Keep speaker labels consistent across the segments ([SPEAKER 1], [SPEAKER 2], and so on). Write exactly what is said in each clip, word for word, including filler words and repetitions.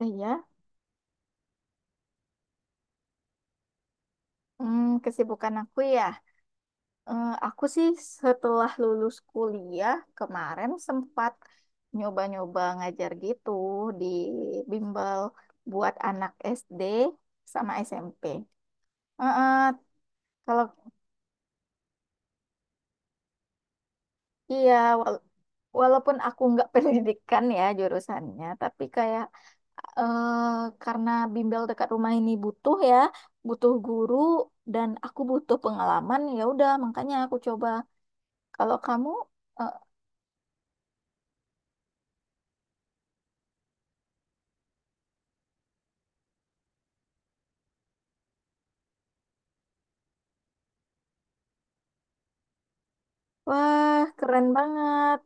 [SPEAKER 1] Iya, Hmm, Kesibukan aku ya. Eh, aku sih setelah lulus kuliah kemarin sempat nyoba-nyoba ngajar gitu di bimbel buat anak S D sama S M P. Eh, eh, kalau Iya, wal- walaupun aku nggak pendidikan ya jurusannya, tapi kayak eh karena bimbel dekat rumah ini butuh ya, butuh guru dan aku butuh pengalaman ya udah makanya aku coba. Kalau kamu. Wah, keren banget.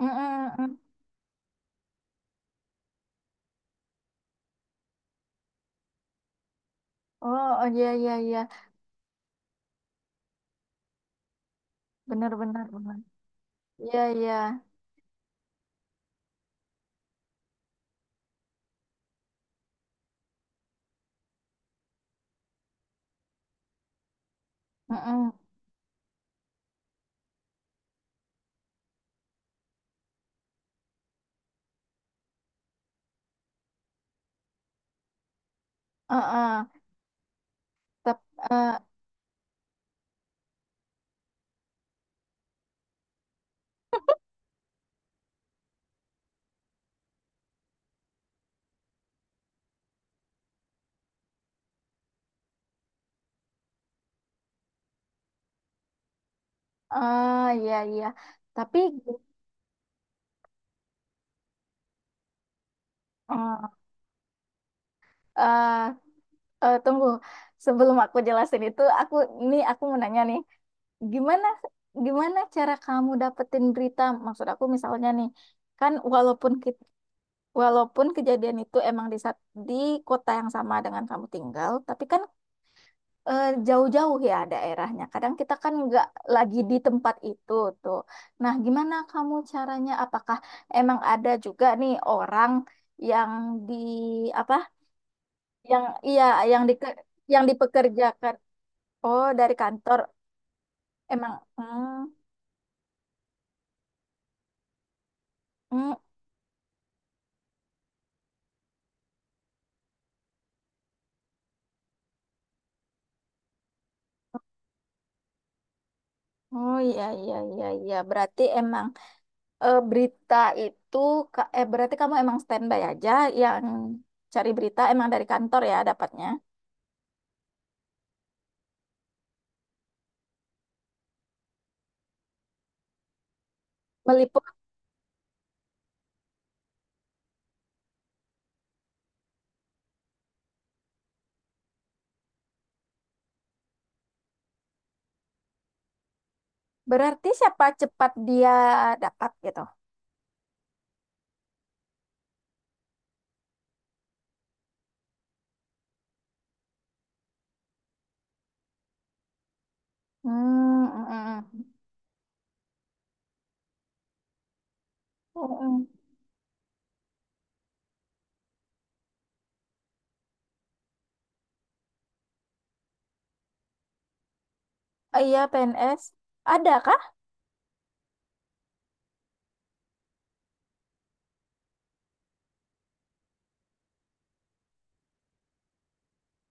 [SPEAKER 1] Mm-mm. Mm. Oh, oh, iya, iya, iya. Benar, benar, benar. Iya, iya. Mm-mm. Uh-uh. Tap- eh, ah, iya, iya. Tapi eh, eh, eh, tunggu. Sebelum aku jelasin itu, aku nih aku mau nanya nih. Gimana gimana cara kamu dapetin berita? Maksud aku misalnya nih, kan walaupun ki- walaupun kejadian itu emang di sat- di kota yang sama dengan kamu tinggal, tapi kan eh, jauh-jauh ya daerahnya. Kadang kita kan nggak lagi di tempat itu tuh. Nah, gimana kamu caranya? Apakah emang ada juga nih orang yang di apa? Yang iya, yang di yang dipekerjakan. Oh, dari kantor emang. Hmm. Hmm. Oh, iya, iya, iya, iya. Berarti emang, eh, berita itu ka- eh berarti kamu emang standby aja yang cari berita emang dari kantor ya dapatnya. Meliput. Berarti siapa cepat dia dapat gitu. Hmm, mm, mm, mm. Mm, mm. Oh, Iya, P N S. Ada kah?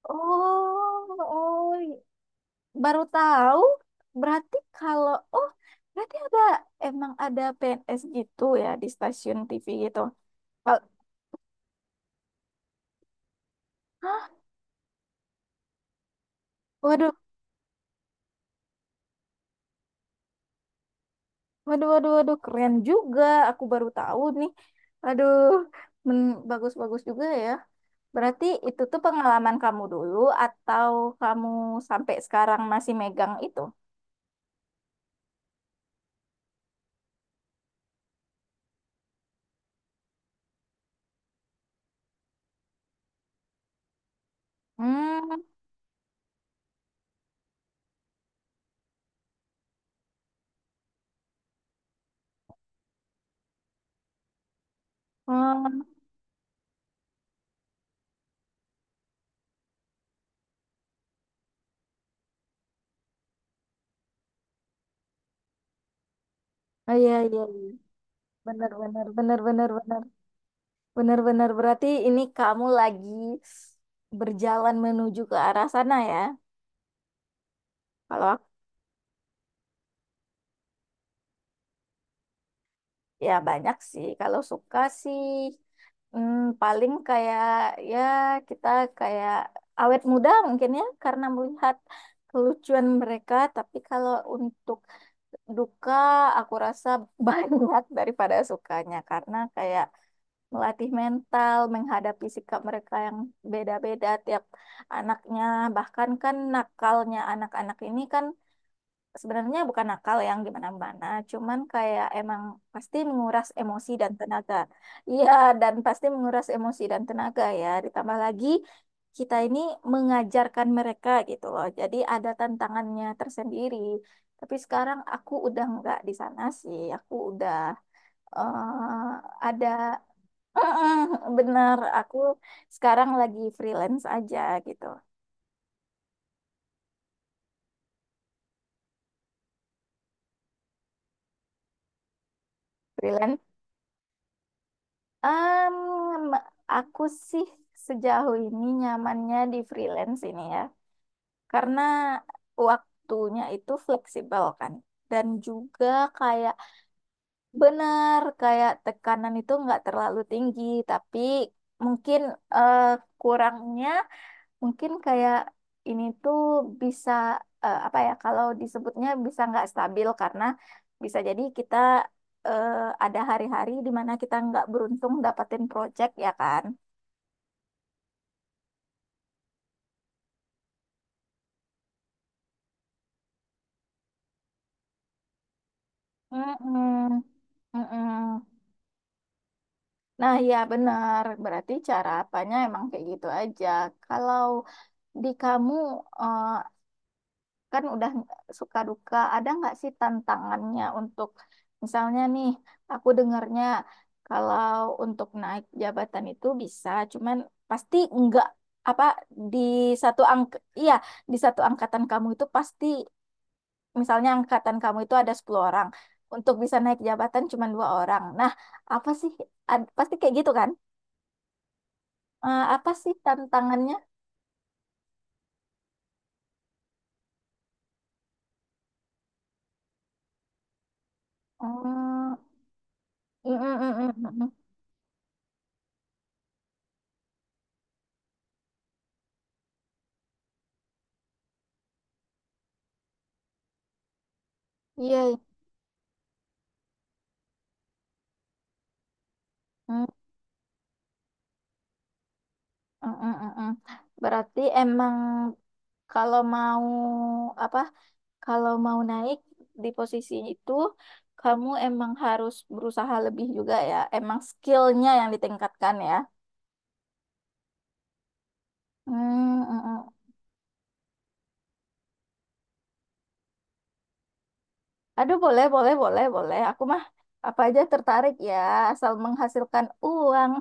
[SPEAKER 1] Oh, oh, i- baru tahu. Berarti kalau, oh, berarti ada, emang ada P N S gitu ya di stasiun T V gitu. Kal- Hah? Waduh, waduh, waduh, waduh, keren juga. Aku baru tahu nih. Aduh, men- bagus-bagus juga ya. Berarti itu tuh pengalaman kamu dulu atau kamu sampai sekarang masih megang itu? Hmm. Oh, oh, iya, iya, iya. Benar, benar, benar, benar, benar. Benar, benar. Berarti ini kamu lagi berjalan menuju ke arah sana ya. Kalau Ya, banyak sih. Kalau suka sih, hmm, paling kayak ya kita kayak awet muda mungkin ya karena melihat kelucuan mereka. Tapi kalau untuk duka aku rasa banyak daripada sukanya karena kayak melatih mental menghadapi sikap mereka yang beda-beda tiap anaknya. Bahkan kan nakalnya anak-anak ini kan sebenarnya bukan nakal yang gimana-mana, cuman kayak emang pasti menguras emosi dan tenaga. Iya, dan pasti menguras emosi dan tenaga ya. Ditambah lagi kita ini mengajarkan mereka gitu loh. Jadi ada tantangannya tersendiri. Tapi sekarang aku udah nggak di sana sih. Aku udah eh, ada bener. Aku sekarang lagi freelance aja gitu. Freelance. Em, aku sih sejauh ini nyamannya di freelance ini ya, karena waktunya itu fleksibel kan, dan juga kayak benar kayak tekanan itu nggak terlalu tinggi, tapi mungkin eh, kurangnya mungkin kayak ini tuh bisa eh, apa ya kalau disebutnya bisa nggak stabil karena bisa jadi kita eh, ada hari-hari di mana kita nggak beruntung dapatin project ya kan. Mm-mm. Mm-mm. Nah, ya benar. Berarti cara apanya emang kayak gitu aja. Kalau di kamu eh, kan udah suka duka, ada nggak sih tantangannya untuk misalnya nih, aku dengarnya kalau untuk naik jabatan itu bisa, cuman pasti nggak apa, di satu angk iya, di satu angkatan kamu itu pasti, misalnya angkatan kamu itu ada sepuluh orang, untuk bisa naik jabatan cuma dua orang. Nah, apa sih? Ad- pasti kayak gitu kan? Eh, apa sih tantangannya? Hmm, mm, mm, mm, mm, mm, mm. Iya, iya. Mm, mm, mm, mm, mm. Berarti emang kalau mau apa? Kalau mau naik di posisi itu, kamu emang harus berusaha lebih juga ya. Emang skillnya yang ditingkatkan ya. Hmm, mm, mm. Aduh, boleh, boleh, boleh, boleh. Aku mah apa aja tertarik ya, asal menghasilkan uang,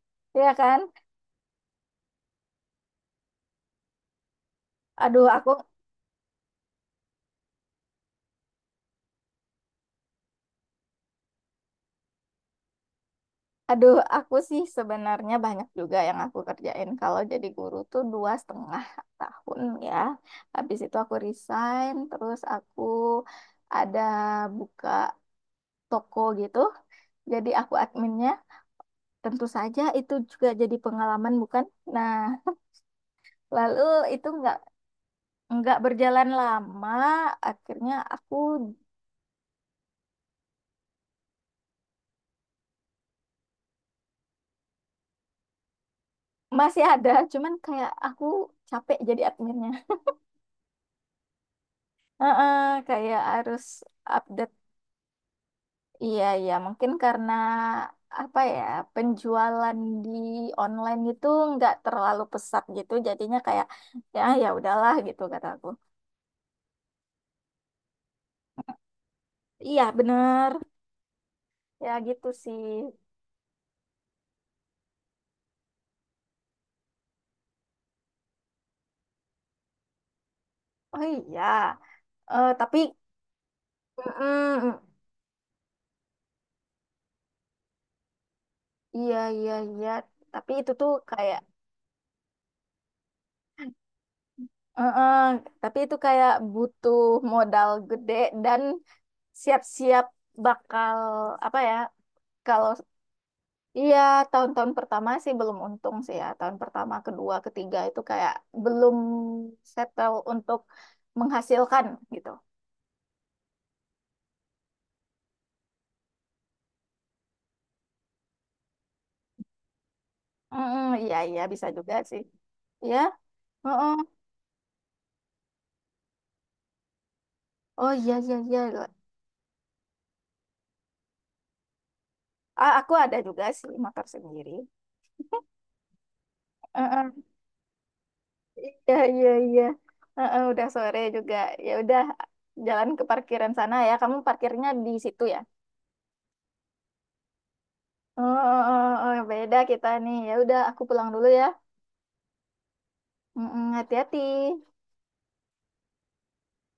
[SPEAKER 1] ya kan? Aduh, aku, aduh, aku sih sebenarnya banyak juga yang aku kerjain. Kalau jadi guru tuh dua setengah tahun ya. Habis itu aku resign, terus aku ada buka toko gitu. Jadi aku adminnya. Tentu saja itu juga jadi pengalaman, bukan? Nah, lalu itu nggak nggak berjalan lama, akhirnya aku. Masih ada, cuman kayak aku capek jadi adminnya. Heeh, kayak harus update. Iya, iya, mungkin karena apa ya, penjualan di online itu nggak terlalu pesat gitu, jadinya kayak ya ya udahlah gitu kata aku. Iya, bener. Ya gitu sih. Oh, iya. Eh tapi mm Iya, iya, iya. Tapi itu tuh kayak, eh, eh, tapi itu kayak butuh modal gede dan siap-siap bakal apa ya. Kalau iya, tahun-tahun pertama sih belum untung sih ya, tahun pertama kedua ketiga itu kayak belum settle untuk menghasilkan gitu. Mm, iya, iya, bisa juga sih. Ya. Mm-mm. Oh, iya, iya, iya. A- aku ada juga sih motor sendiri. Mm-mm. Iya, iya, iya. Mm-mm, udah sore juga. Ya udah, jalan ke parkiran sana ya, kamu parkirnya di situ ya. Oh, oh, oh, oh, beda kita nih. Ya udah, aku pulang dulu ya. Mm-mm, hati-hati.